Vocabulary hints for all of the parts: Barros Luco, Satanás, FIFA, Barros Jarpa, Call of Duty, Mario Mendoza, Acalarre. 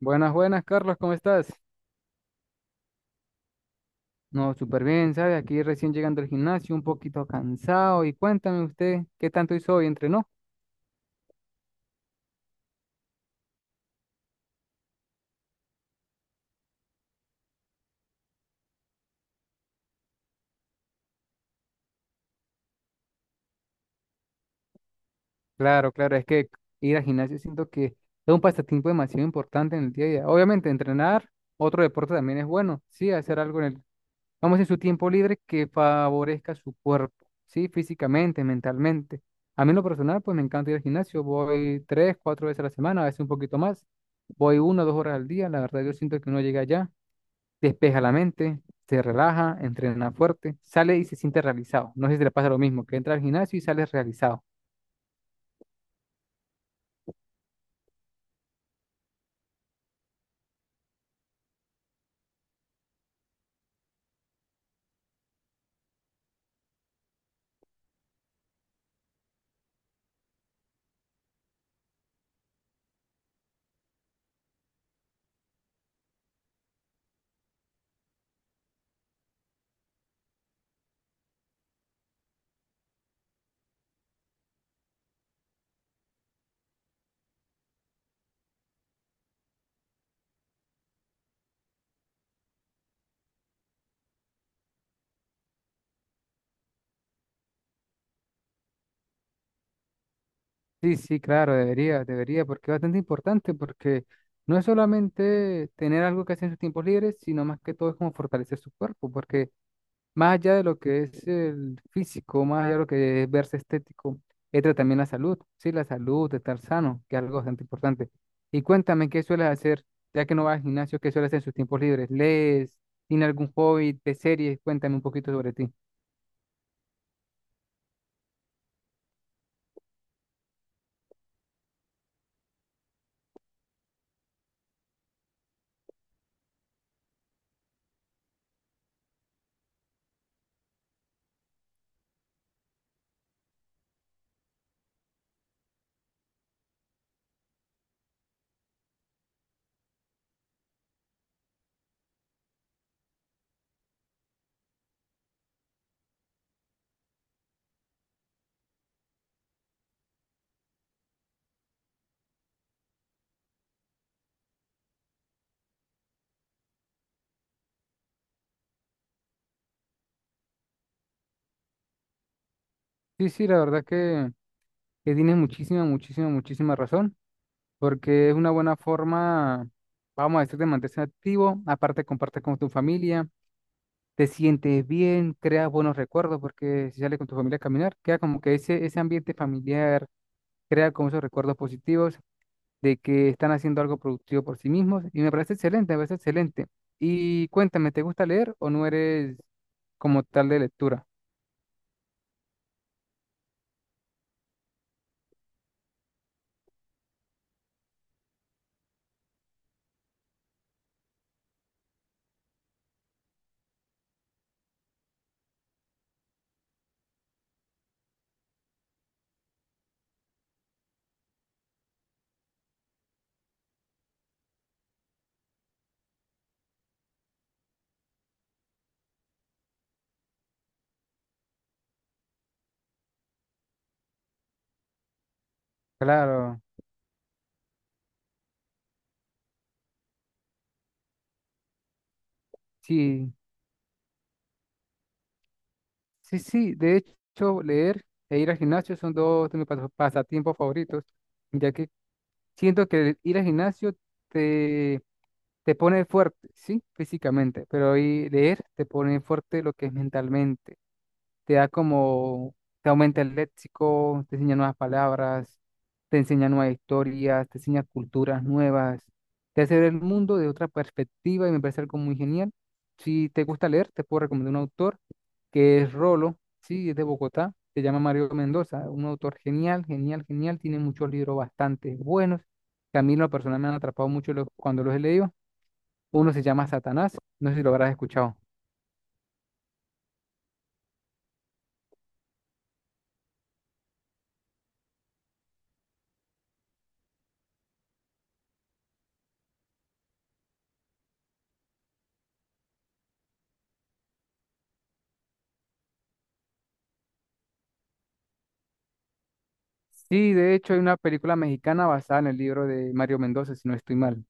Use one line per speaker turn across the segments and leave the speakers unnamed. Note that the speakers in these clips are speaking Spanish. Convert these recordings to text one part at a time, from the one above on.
Buenas, buenas, Carlos, ¿cómo estás? No, súper bien, ¿sabe? Aquí recién llegando al gimnasio, un poquito cansado. Y cuéntame usted, ¿qué tanto hizo hoy? ¿Entrenó? Claro, claro, es que ir al gimnasio siento que es un pasatiempo demasiado importante en el día a día. Obviamente, entrenar, otro deporte también es bueno, sí, hacer algo en el, vamos en su tiempo libre que favorezca su cuerpo, sí, físicamente, mentalmente. A mí en lo personal, pues me encanta ir al gimnasio, voy tres, cuatro veces a la semana, a veces un poquito más, voy 1 o 2 horas al día, la verdad yo siento que uno llega allá despeja la mente, se relaja, entrena fuerte, sale y se siente realizado. No sé si te pasa lo mismo, que entra al gimnasio y sales realizado. Sí, sí, claro, debería, debería, porque es bastante importante, porque no es solamente tener algo que hacer en sus tiempos libres, sino más que todo es como fortalecer su cuerpo, porque más allá de lo que es el físico, más allá de lo que es verse estético, entra también la salud, sí, la salud, de estar sano, que es algo bastante importante. Y cuéntame, ¿qué sueles hacer, ya que no vas al gimnasio, qué sueles hacer en sus tiempos libres? ¿Lees? ¿Tiene algún hobby de series? Cuéntame un poquito sobre ti. Sí, sí, la verdad que tienes muchísima, muchísima, muchísima razón, porque es una buena forma, vamos a decir, de mantenerse activo, aparte compartes con tu familia, te sientes bien, creas buenos recuerdos, porque si sales con tu familia a caminar, queda como que ese ambiente familiar, crea como esos recuerdos positivos de que están haciendo algo productivo por sí mismos, y me parece excelente, me parece excelente. Y cuéntame, ¿te gusta leer o no eres como tal de lectura? Claro, sí, sí, sí, de hecho, leer e ir al gimnasio son dos de mis pasatiempos favoritos, ya que siento que el ir al gimnasio te te pone fuerte, sí, físicamente, pero hoy leer te pone fuerte lo que es mentalmente. Te da como, te aumenta el léxico, te enseña nuevas palabras, te enseña nuevas historias, te enseña culturas nuevas, te hace ver el mundo de otra perspectiva y me parece algo muy genial. Si te gusta leer, te puedo recomendar un autor que es Rolo, sí, es de Bogotá, se llama Mario Mendoza, un autor genial, genial, genial, tiene muchos libros bastante buenos. Que A mí en lo personal me han atrapado mucho cuando los he leído. Uno se llama Satanás, no sé si lo habrás escuchado. Sí, de hecho hay una película mexicana basada en el libro de Mario Mendoza, si no estoy mal.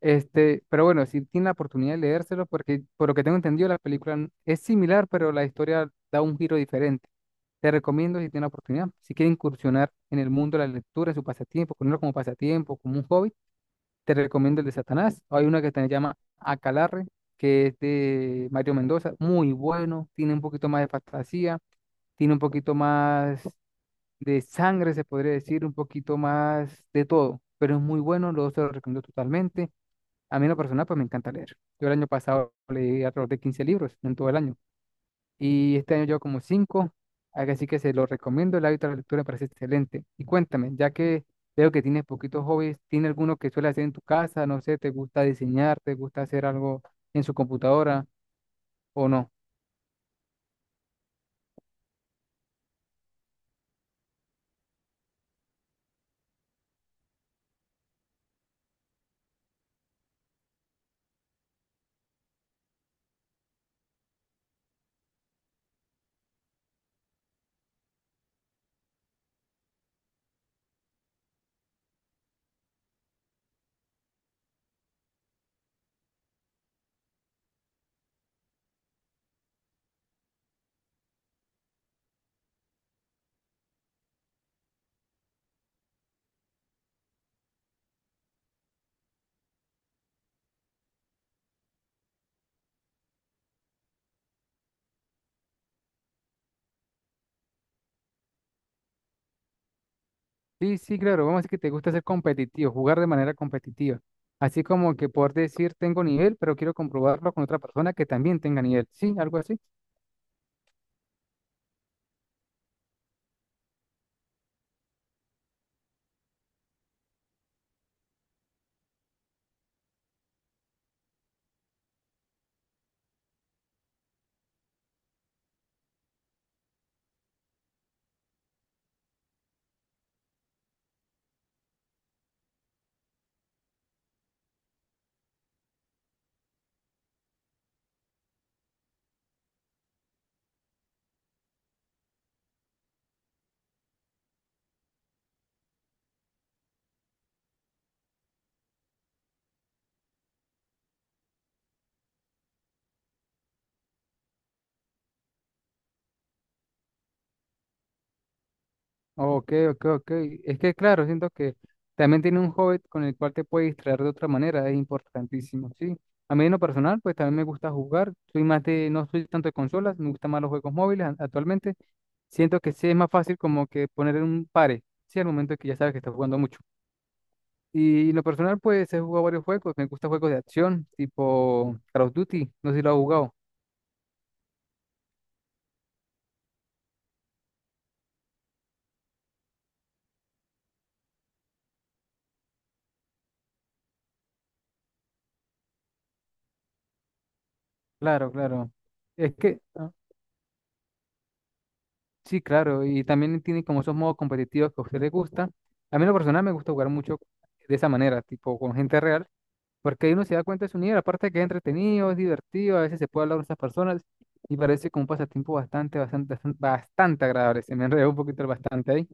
Este, pero bueno, si tiene la oportunidad de leérselo, porque por lo que tengo entendido la película es similar, pero la historia da un giro diferente. Te recomiendo si tiene la oportunidad, si quiere incursionar en el mundo de la lectura, en su pasatiempo, ponerlo como pasatiempo, como un hobby, te recomiendo el de Satanás. Hay una que se llama Acalarre, que es de Mario Mendoza, muy bueno, tiene un poquito más de fantasía, tiene un poquito más de sangre, se podría decir, un poquito más de todo, pero es muy bueno, lo se lo recomiendo totalmente. A mí en lo personal, pues me encanta leer. Yo el año pasado leí alrededor de 15 libros en todo el año y este año llevo como cinco, así que se lo recomiendo, el hábito de la lectura me parece excelente. Y cuéntame, ya que veo que tienes poquitos hobbies, ¿tiene alguno que suele hacer en tu casa? No sé, ¿te gusta diseñar? ¿Te gusta hacer algo en su computadora o no? Sí, sí, claro, vamos a decir que te gusta ser competitivo, jugar de manera competitiva. Así como que poder decir, tengo nivel, pero quiero comprobarlo con otra persona que también tenga nivel. Sí, algo así. Ok, ok, ok. Es que, claro, siento que también tiene un hobby con el cual te puedes distraer de otra manera, es importantísimo, sí. A mí en lo personal, pues también me gusta jugar. Soy más de, no soy tanto de consolas, me gustan más los juegos móviles actualmente. Siento que sí es más fácil como que poner en un pare, sí, al momento que ya sabes que estás jugando mucho. Y en lo personal, pues he jugado varios juegos. Me gustan juegos de acción, tipo Call of Duty. No sé si lo has jugado. Claro, claro. Es que, ah, sí, claro. Y también tiene como esos modos competitivos que a usted le gusta. A mí en lo personal me gusta jugar mucho de esa manera, tipo con gente real, porque ahí uno se da cuenta de su nivel. Aparte de que es entretenido, es divertido, a veces se puede hablar con esas personas y parece como un pasatiempo bastante, bastante, bastante agradable. Se me enredó un poquito el bastante ahí.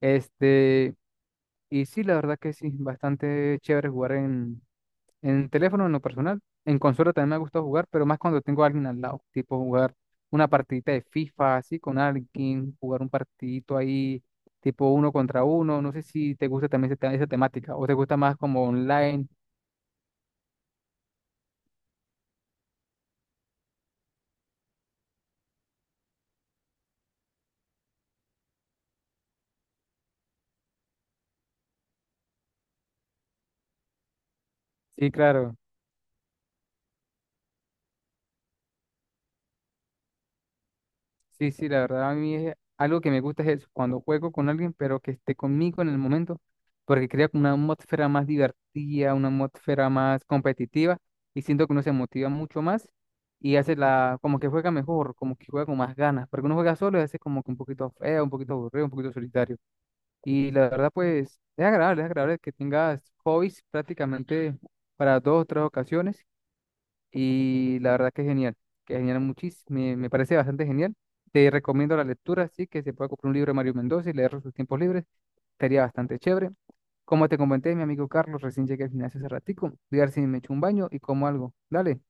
Este, y sí, la verdad que sí, bastante chévere jugar en teléfono, en lo personal, en consola también me gusta jugar, pero más cuando tengo a alguien al lado, tipo jugar una partidita de FIFA así con alguien, jugar un partidito ahí, tipo uno contra uno. No sé si te gusta también esa, esa temática o te gusta más como online. Sí, claro. Sí, sí, la verdad a mí es algo que me gusta es eso, cuando juego con alguien, pero que esté conmigo en el momento, porque crea como una atmósfera más divertida, una atmósfera más competitiva, y siento que uno se motiva mucho más y hace la, como que juega mejor, como que juega con más ganas, porque uno juega solo y hace como que un poquito feo, un poquito aburrido, un poquito solitario. Y la verdad, pues, es agradable que tengas hobbies prácticamente para dos o tres ocasiones y la verdad que es genial muchísimo, me parece bastante genial. Te recomiendo la lectura, sí, que se pueda comprar un libro de Mario Mendoza y leerlo en sus tiempos libres, estaría bastante chévere. Como te comenté, mi amigo Carlos, recién llegué al gimnasio hace ratico, voy a ver si me echo un baño y como algo. Dale,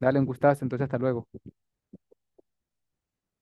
dale un gustazo, entonces hasta luego.